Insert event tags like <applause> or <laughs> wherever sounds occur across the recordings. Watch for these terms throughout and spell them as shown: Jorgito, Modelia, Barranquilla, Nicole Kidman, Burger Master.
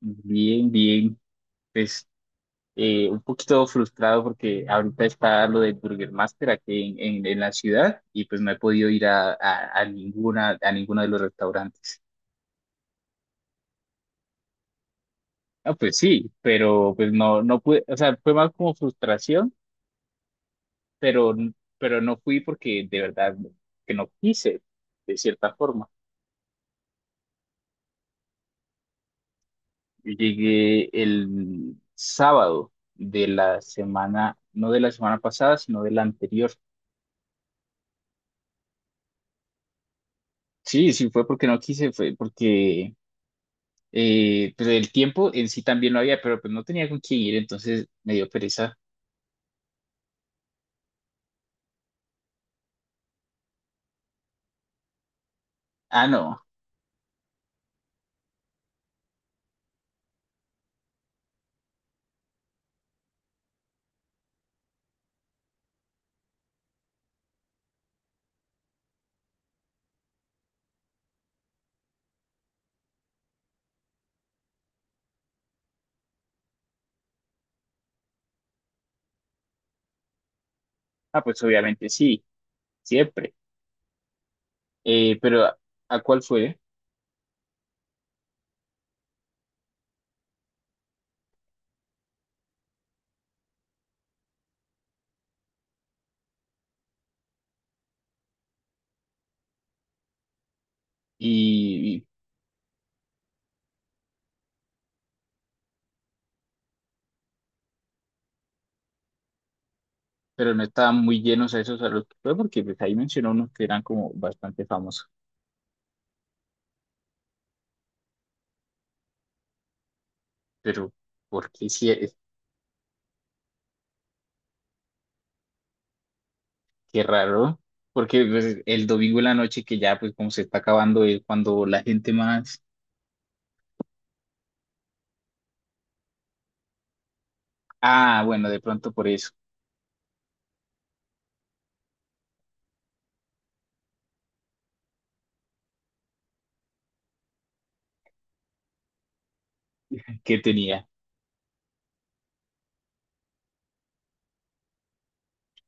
Bien, bien. Pues un poquito frustrado porque ahorita está lo del Burger Master aquí en la ciudad y pues no he podido ir a ninguna, a ninguno de los restaurantes. Ah, pues sí, pero pues no, no pude, o sea, fue más como frustración, pero, pero no fui porque de verdad que no quise, de cierta forma. Yo llegué el sábado de la semana, no de la semana pasada, sino de la anterior. Sí, sí fue porque no quise, fue porque pero el tiempo en sí también lo había, pero pues no tenía con quién ir, entonces me dio pereza. Ah, no. Ah, pues obviamente sí, siempre. Pero a cuál fue? Y, y- pero no estaban muy llenos a esos a los que fue, porque pues ahí mencionó unos que eran como bastante famosos. Pero, ¿por qué sí? Es- Qué raro. Porque pues, el domingo en la noche, que ya pues como se está acabando, es cuando la gente más. Ah, bueno, de pronto por eso. ¿Qué tenía?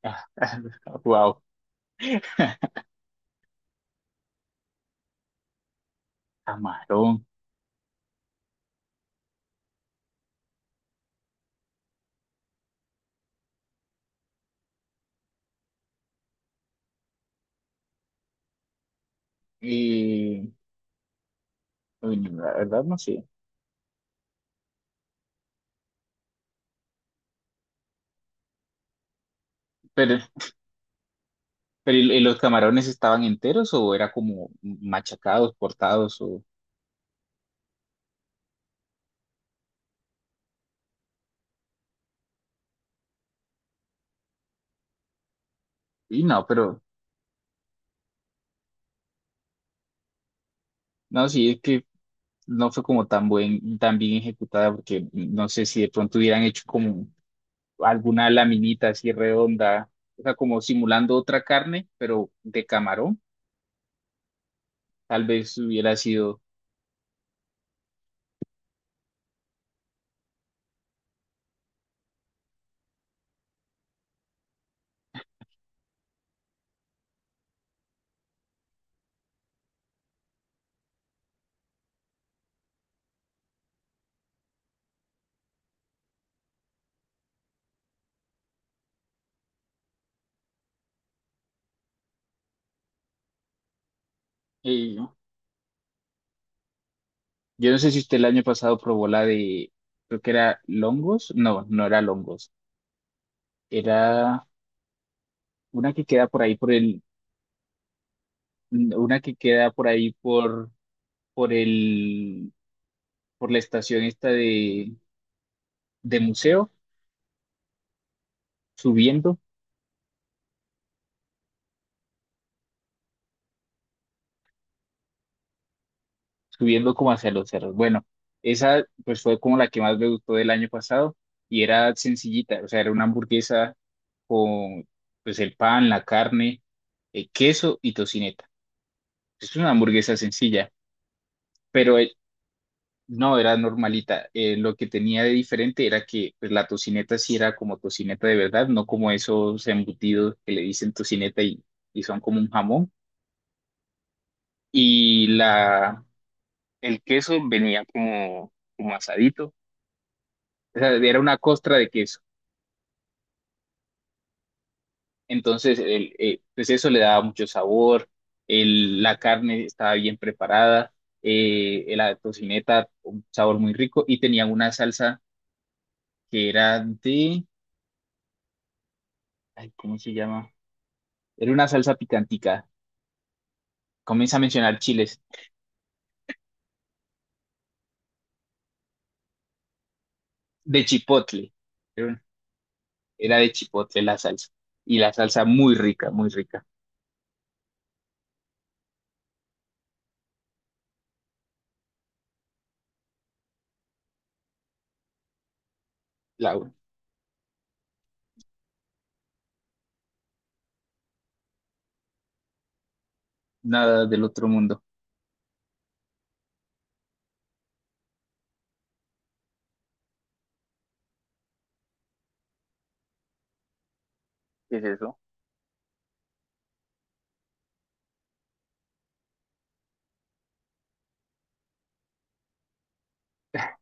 <laughs> Wow, camarón. Eh, Uy, no, la verdad no sé. Pero, pero y los camarones estaban enteros o era como machacados, cortados o... Y no, pero no, sí, es que no fue como tan buen, tan bien ejecutada porque no sé si de pronto hubieran hecho como alguna laminita así redonda, o sea, como simulando otra carne, pero de camarón, tal vez hubiera sido... eh, yo no sé si usted el año pasado probó la de, creo que era longos, no, no era longos, era una que queda por ahí por el mm, una que queda por ahí por, por el, por la estación esta de museo, subiendo, subiendo como hacia los cerros. Bueno, esa pues fue como la que más me gustó del año pasado y era sencillita, o sea, era una hamburguesa con pues el pan, la carne, queso y tocineta. Es una hamburguesa sencilla, pero no, era normalita. Lo que tenía de diferente era que pues, la tocineta sí era como tocineta de verdad, no como esos embutidos que le dicen tocineta y son como un jamón. Y la, el queso venía como, como asadito. O sea, era una costra de queso. Entonces, pues eso le daba mucho sabor. La carne estaba bien preparada. La tocineta, un sabor muy rico. Y tenía una salsa que era de, ay, ¿cómo se llama? Era una salsa picantica. Comienza a mencionar chiles. De chipotle. Era, un- era de chipotle la salsa. Y la salsa muy rica, muy rica. La, nada del otro mundo. ¿Qué es eso?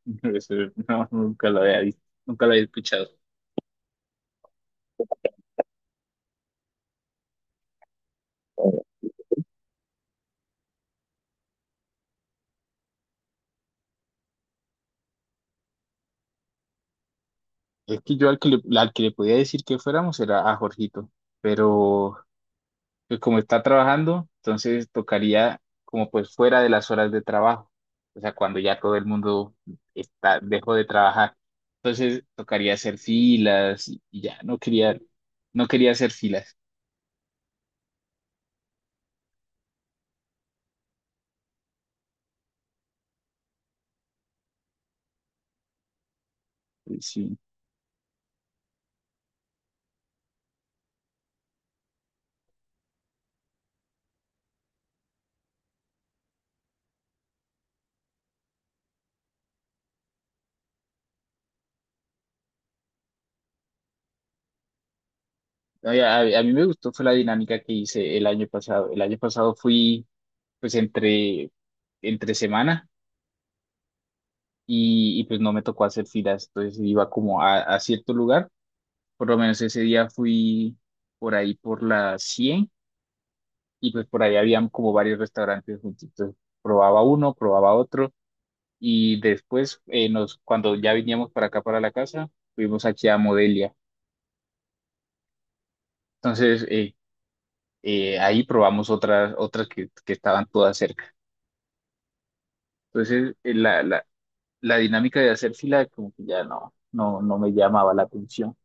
<laughs> Eso no, nunca lo había visto, nunca lo había escuchado. Es que yo al que al que le podía decir que fuéramos era a Jorgito, pero pues como está trabajando, entonces tocaría como pues fuera de las horas de trabajo, o sea, cuando ya todo el mundo está, dejó de trabajar. Entonces tocaría hacer filas y ya, no quería, no quería hacer filas. Eh, sí. Oye, a mí me gustó fue la dinámica que hice el año pasado. El año pasado fui pues entre semana pues no me tocó hacer filas, entonces iba como a cierto lugar, por lo menos ese día fui por ahí por la 100 y pues por ahí habían como varios restaurantes juntitos. Probaba uno, probaba otro y después cuando ya veníamos para acá, para la casa, fuimos aquí a Modelia. Entonces ahí probamos otras, otras que estaban todas cerca. Entonces la dinámica de hacer fila como que ya no, no, no me llamaba la atención.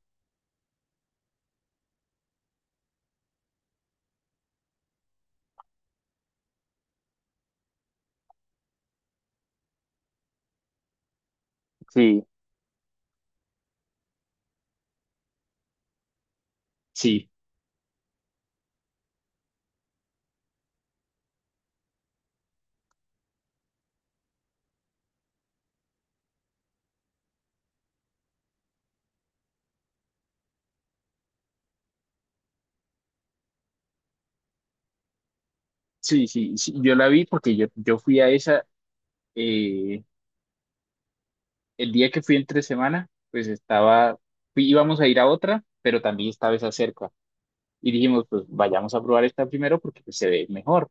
Sí, sí, sí, sí, sí. Yo la vi porque yo fui a esa. eh, el día que fui entre semana, pues estaba, íbamos a ir a otra, pero también estaba esa cerca. Y dijimos, pues vayamos a probar esta primero porque pues, se ve mejor.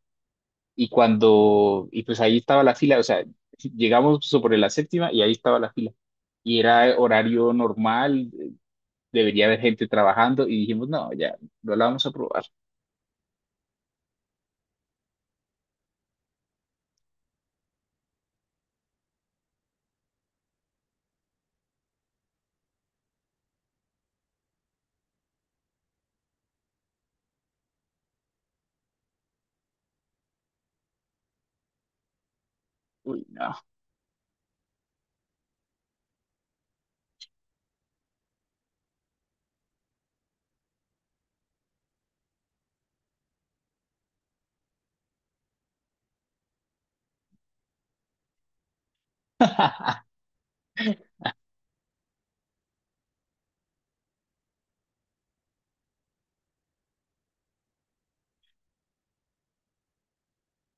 Y pues ahí estaba la fila, o sea, <laughs> llegamos sobre la séptima y ahí estaba la fila. Y era horario normal, debería haber gente trabajando y dijimos, no, ya, no la vamos a probar. Uy, no,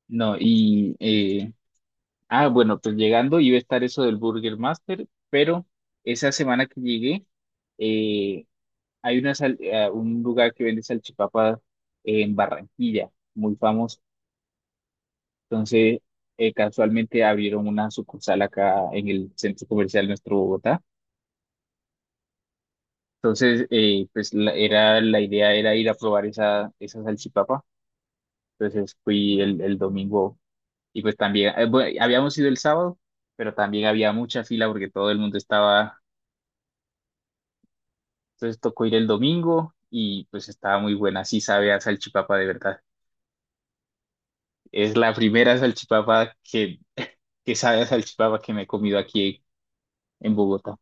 no, ah, bueno, pues llegando iba a estar eso del Burger Master, pero esa semana que llegué, eh, hay una un lugar que vende salchipapas en Barranquilla, muy famoso. Entonces, casualmente abrieron una sucursal acá en el centro comercial nuestro Bogotá. Entonces, la idea era ir a probar esa, esa salchipapa. Entonces fui el domingo y pues también, bueno, habíamos ido el sábado, pero también había mucha fila porque todo el mundo estaba, entonces tocó ir el domingo y pues estaba muy buena, sí sabe a salchipapa de verdad. Es la primera salchipapa que, <laughs> que sabe a salchipapa que me he comido aquí en Bogotá.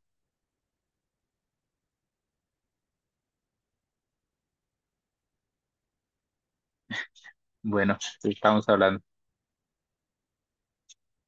Bueno, estamos hablando.